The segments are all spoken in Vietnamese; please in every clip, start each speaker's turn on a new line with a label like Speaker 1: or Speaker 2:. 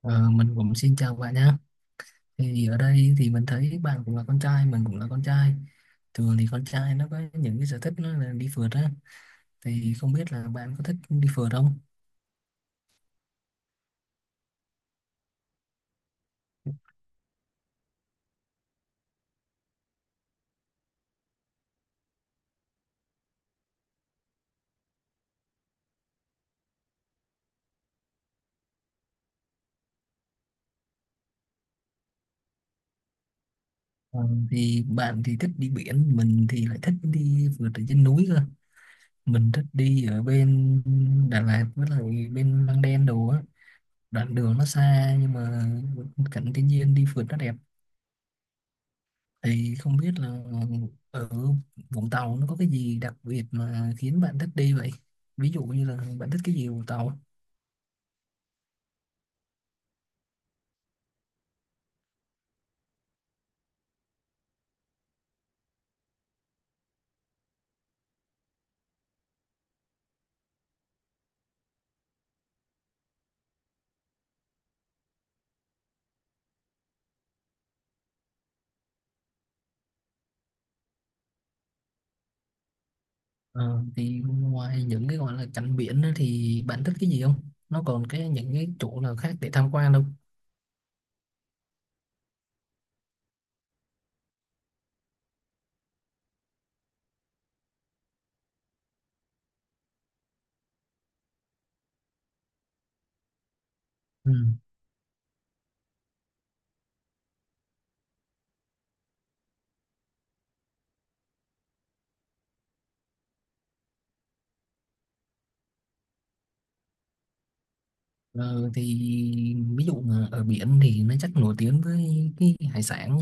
Speaker 1: Ờ, mình cũng xin chào bạn nhé. Thì ở đây thì mình thấy bạn cũng là con trai, mình cũng là con trai. Thường thì con trai nó có những cái sở thích nó là đi phượt á. Thì không biết là bạn có thích đi phượt không? Ờ, thì bạn thì thích đi biển, mình thì lại thích đi phượt ở trên núi cơ. Mình thích đi ở bên Đà Lạt với lại bên Măng Đen đồ á. Đoạn đường nó xa nhưng mà cảnh thiên nhiên đi phượt nó đẹp. Thì không biết là ở Vũng Tàu nó có cái gì đặc biệt mà khiến bạn thích đi vậy? Ví dụ như là bạn thích cái gì ở Vũng Tàu? Ờ, thì ngoài những cái gọi là cảnh biển á thì bạn thích cái gì không? Nó còn cái những cái chỗ nào khác để tham quan không? Ừ. Ờ, thì ví dụ mà ở biển thì nó chắc nổi tiếng với cái hải sản.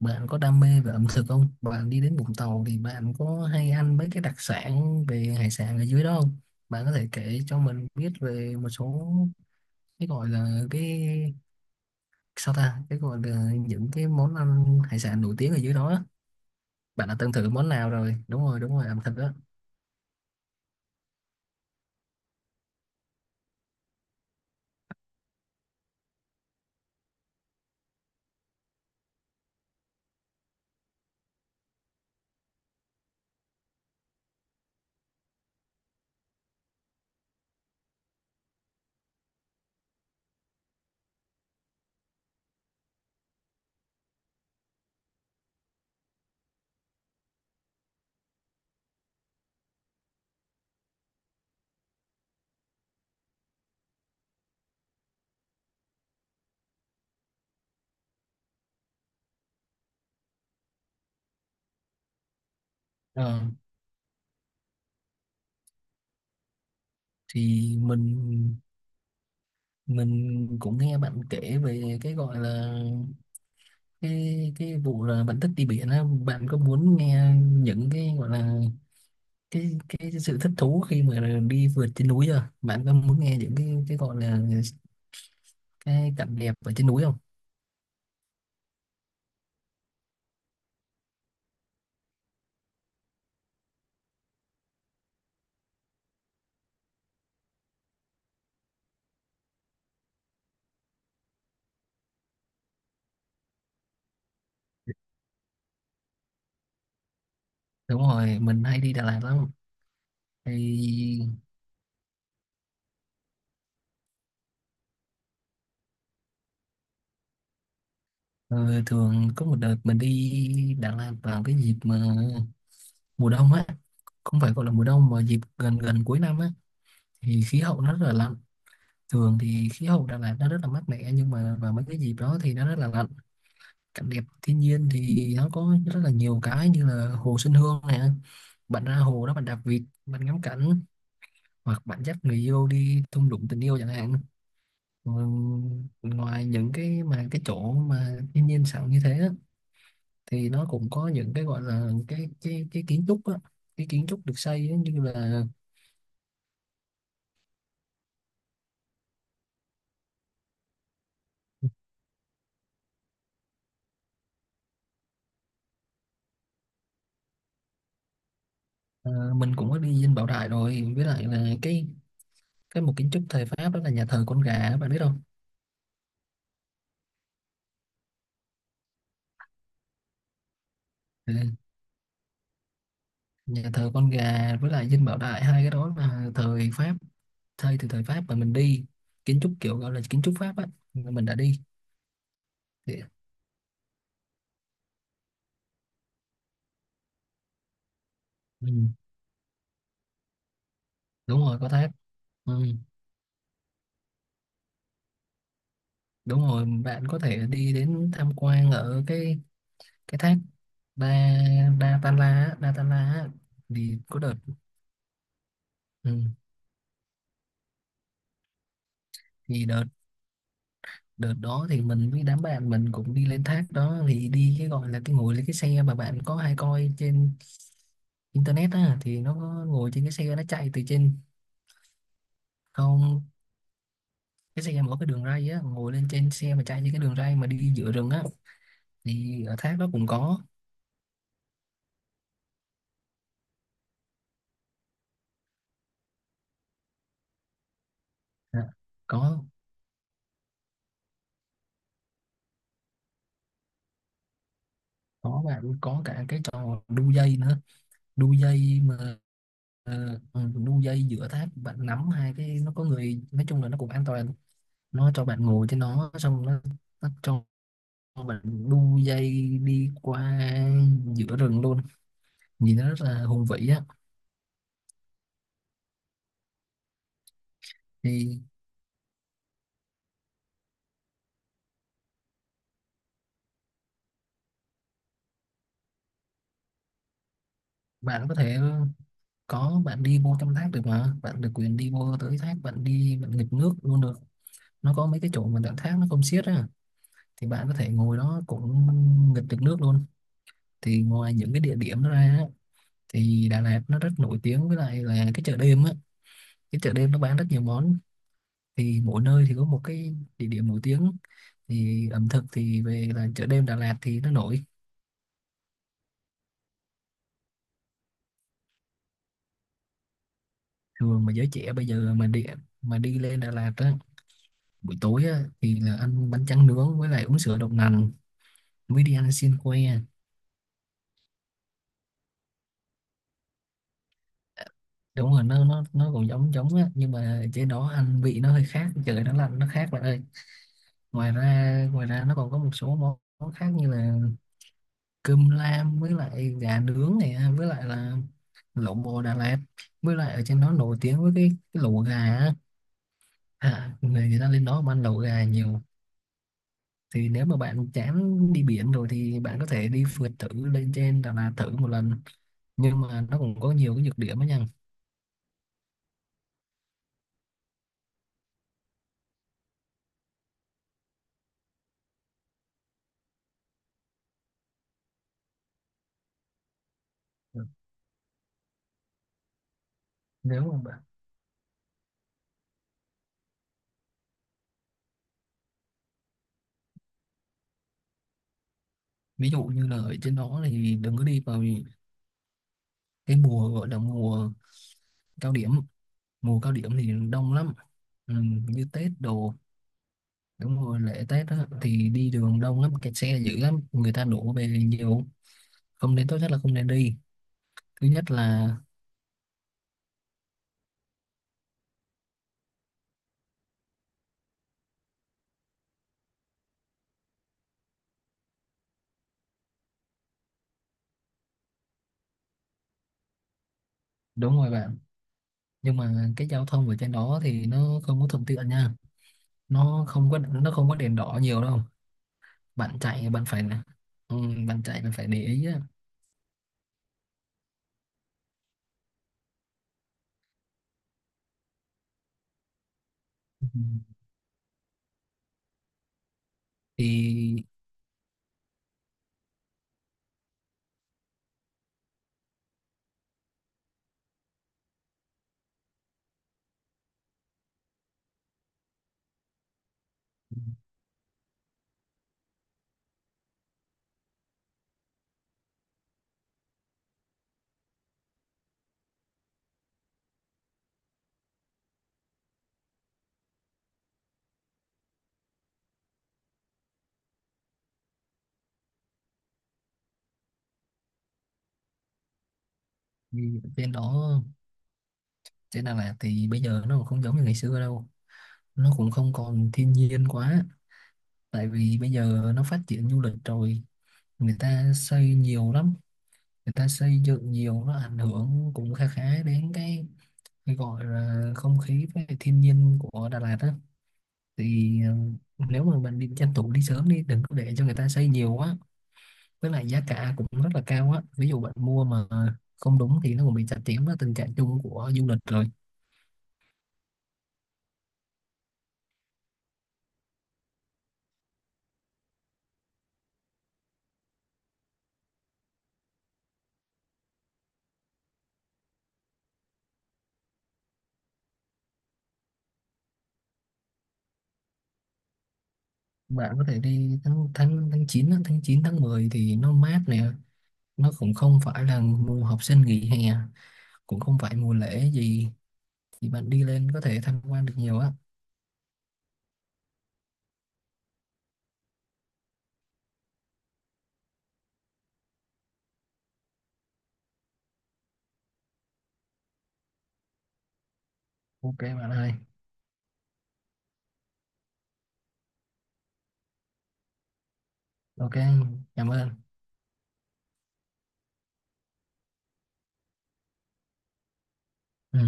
Speaker 1: Bạn có đam mê về ẩm thực không? Bạn đi đến Vũng Tàu thì bạn có hay ăn mấy cái đặc sản về hải sản ở dưới đó không? Bạn có thể kể cho mình biết về một số cái gọi là cái sao ta cái gọi là những cái món ăn hải sản nổi tiếng ở dưới đó á. Bạn đã từng thử món nào rồi? Đúng rồi, đúng rồi, ẩm thực đó. Ờ, thì mình cũng nghe bạn kể về cái gọi là cái vụ là bạn thích đi biển á. Bạn có muốn nghe những cái gọi là cái sự thích thú khi mà đi vượt trên núi chưa? Bạn có muốn nghe những cái gọi là cái cảnh đẹp ở trên núi không? Đúng rồi, mình hay đi Đà Lạt lắm. Thì ờ, thường có một đợt mình đi Đà Lạt vào cái dịp mà mùa đông á, không phải gọi là mùa đông mà dịp gần gần cuối năm á, thì khí hậu nó rất là lạnh. Thường thì khí hậu Đà Lạt nó rất là mát mẻ nhưng mà vào mấy cái dịp đó thì nó rất là lạnh. Cảnh đẹp thiên nhiên thì nó có rất là nhiều cái như là hồ Xuân Hương này, bạn ra hồ đó bạn đạp vịt bạn ngắm cảnh, hoặc bạn dắt người yêu đi thung lũng tình yêu chẳng hạn. Ừ, ngoài những cái mà cái chỗ mà thiên nhiên sẵn như thế á, thì nó cũng có những cái gọi là cái kiến trúc á, cái kiến trúc được xây á, như là ờ, mình cũng có đi Dinh Bảo Đại rồi, với lại là cái một kiến trúc thời Pháp đó là nhà thờ con gà bạn biết không? Ừ, nhà thờ con gà với lại Dinh Bảo Đại hai cái đó là thời Pháp, xây từ thời Pháp mà mình đi, kiến trúc kiểu gọi là kiến trúc Pháp á, mình đã đi. Thì, ừ, đúng rồi, có thác. Ừ, đúng rồi, bạn có thể đi đến tham quan ở cái thác Đa Đa Tan La á, Đa Tan La á. Thì có đợt. Ừ. Thì đợt đợt đó thì mình với đám bạn mình cũng đi lên thác đó, thì đi cái gọi là cái ngồi lên cái xe mà bạn có hay coi trên internet á, thì nó có ngồi trên cái xe nó chạy từ trên. Không, cái xe mở cái đường ray á, ngồi lên trên xe mà chạy trên cái đường ray mà đi giữa rừng á. Thì ở thác đó cũng có. À, có có, bạn có cả cái trò đu dây nữa. Đu dây mà. Ờ, ừ, đu dây giữa thác, bạn nắm hai cái, nó có người, nói chung là nó cũng an toàn. Nó cho bạn ngồi trên nó, xong nó cho mình đu dây đi qua giữa rừng luôn. Nhìn nó rất là hùng vĩ á. Thì bạn có thể có, bạn đi vô trong thác được mà, bạn được quyền đi vô tới thác, bạn đi bạn nghịch nước luôn được. Nó có mấy cái chỗ mà đoạn thác nó không xiết á, thì bạn có thể ngồi đó cũng nghịch được nước luôn. Thì ngoài những cái địa điểm đó ra á, thì Đà Lạt nó rất nổi tiếng với lại là cái chợ đêm á. Cái chợ đêm nó bán rất nhiều món. Thì mỗi nơi thì có một cái địa điểm nổi tiếng, thì ẩm thực thì về là chợ đêm Đà Lạt thì nó nổi. Thường mà giới trẻ bây giờ mà đi, mà đi lên Đà Lạt á buổi tối á, thì là ăn bánh tráng nướng với lại uống sữa đậu nành, mới đi ăn xiên que. Đúng rồi, nó còn giống giống á, nhưng mà trên đó ăn vị nó hơi khác, trời nó lạnh nó khác bạn ơi. Ngoài ra nó còn có một số món món khác như là cơm lam với lại gà nướng này, với lại là lẩu bò Đà Lạt, với lại ở trên đó nổi tiếng với cái lẩu gà á. À, người người ta lên đó mà ăn lẩu gà nhiều. Thì nếu mà bạn chán đi biển rồi thì bạn có thể đi phượt thử lên trên Đà Lạt thử một lần, nhưng mà nó cũng có nhiều cái nhược điểm á nha. Nếu mà bạn- ví dụ như là ở trên đó thì đừng có đi vào cái mùa gọi là mùa cao điểm. Mùa cao điểm thì đông lắm. Ừ, như Tết đồ. Đúng rồi, lễ Tết đó, thì đi đường đông lắm, kẹt xe dữ lắm, người ta đổ về nhiều, không nên, tốt nhất là không nên đi. Thứ nhất là đúng rồi bạn, nhưng mà cái giao thông ở trên đó thì nó không có thuận tiện nha. Nó không có đèn đỏ nhiều đâu. Bạn chạy bạn phải là, ừ, bạn chạy bạn phải để ý á. Ừ. thì, thì đèn đỏ trên đà lạt thì bây giờ nó không giống như ngày xưa đâu. Nó cũng không còn thiên nhiên quá. Tại vì bây giờ nó phát triển du lịch rồi, người ta xây nhiều lắm, người ta xây dựng nhiều, nó ảnh hưởng cũng khá khá đến cái gọi là không khí với lại thiên nhiên của Đà Lạt á. Thì ừ, nếu mà bạn đi tranh thủ đi sớm đi, đừng có để cho người ta xây nhiều quá. Với lại giá cả cũng rất là cao á, ví dụ bạn mua mà không đúng thì nó cũng bị chặt chém đó, tình trạng chung của du lịch rồi. Bạn có thể đi tháng tháng tháng 9 á, tháng 9 tháng 10 thì nó mát nè. Nó cũng không phải là mùa học sinh nghỉ hè, cũng không phải mùa lễ gì, thì bạn đi lên có thể tham quan được nhiều á. Ok bạn ơi. Ok, cảm ơn. Ừ.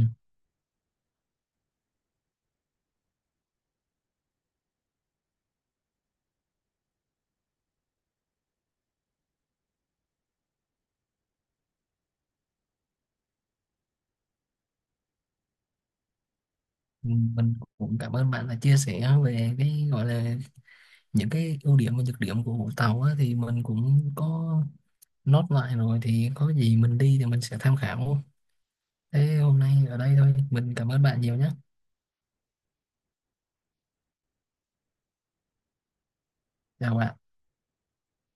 Speaker 1: Mình cũng cảm ơn bạn đã chia sẻ về cái gọi là những cái ưu điểm và nhược điểm của Vũng Tàu á, thì mình cũng có nốt lại rồi, thì có gì mình đi thì mình sẽ tham khảo. Thế hôm nay ở đây thôi, mình cảm ơn bạn nhiều nhé. Chào bạn.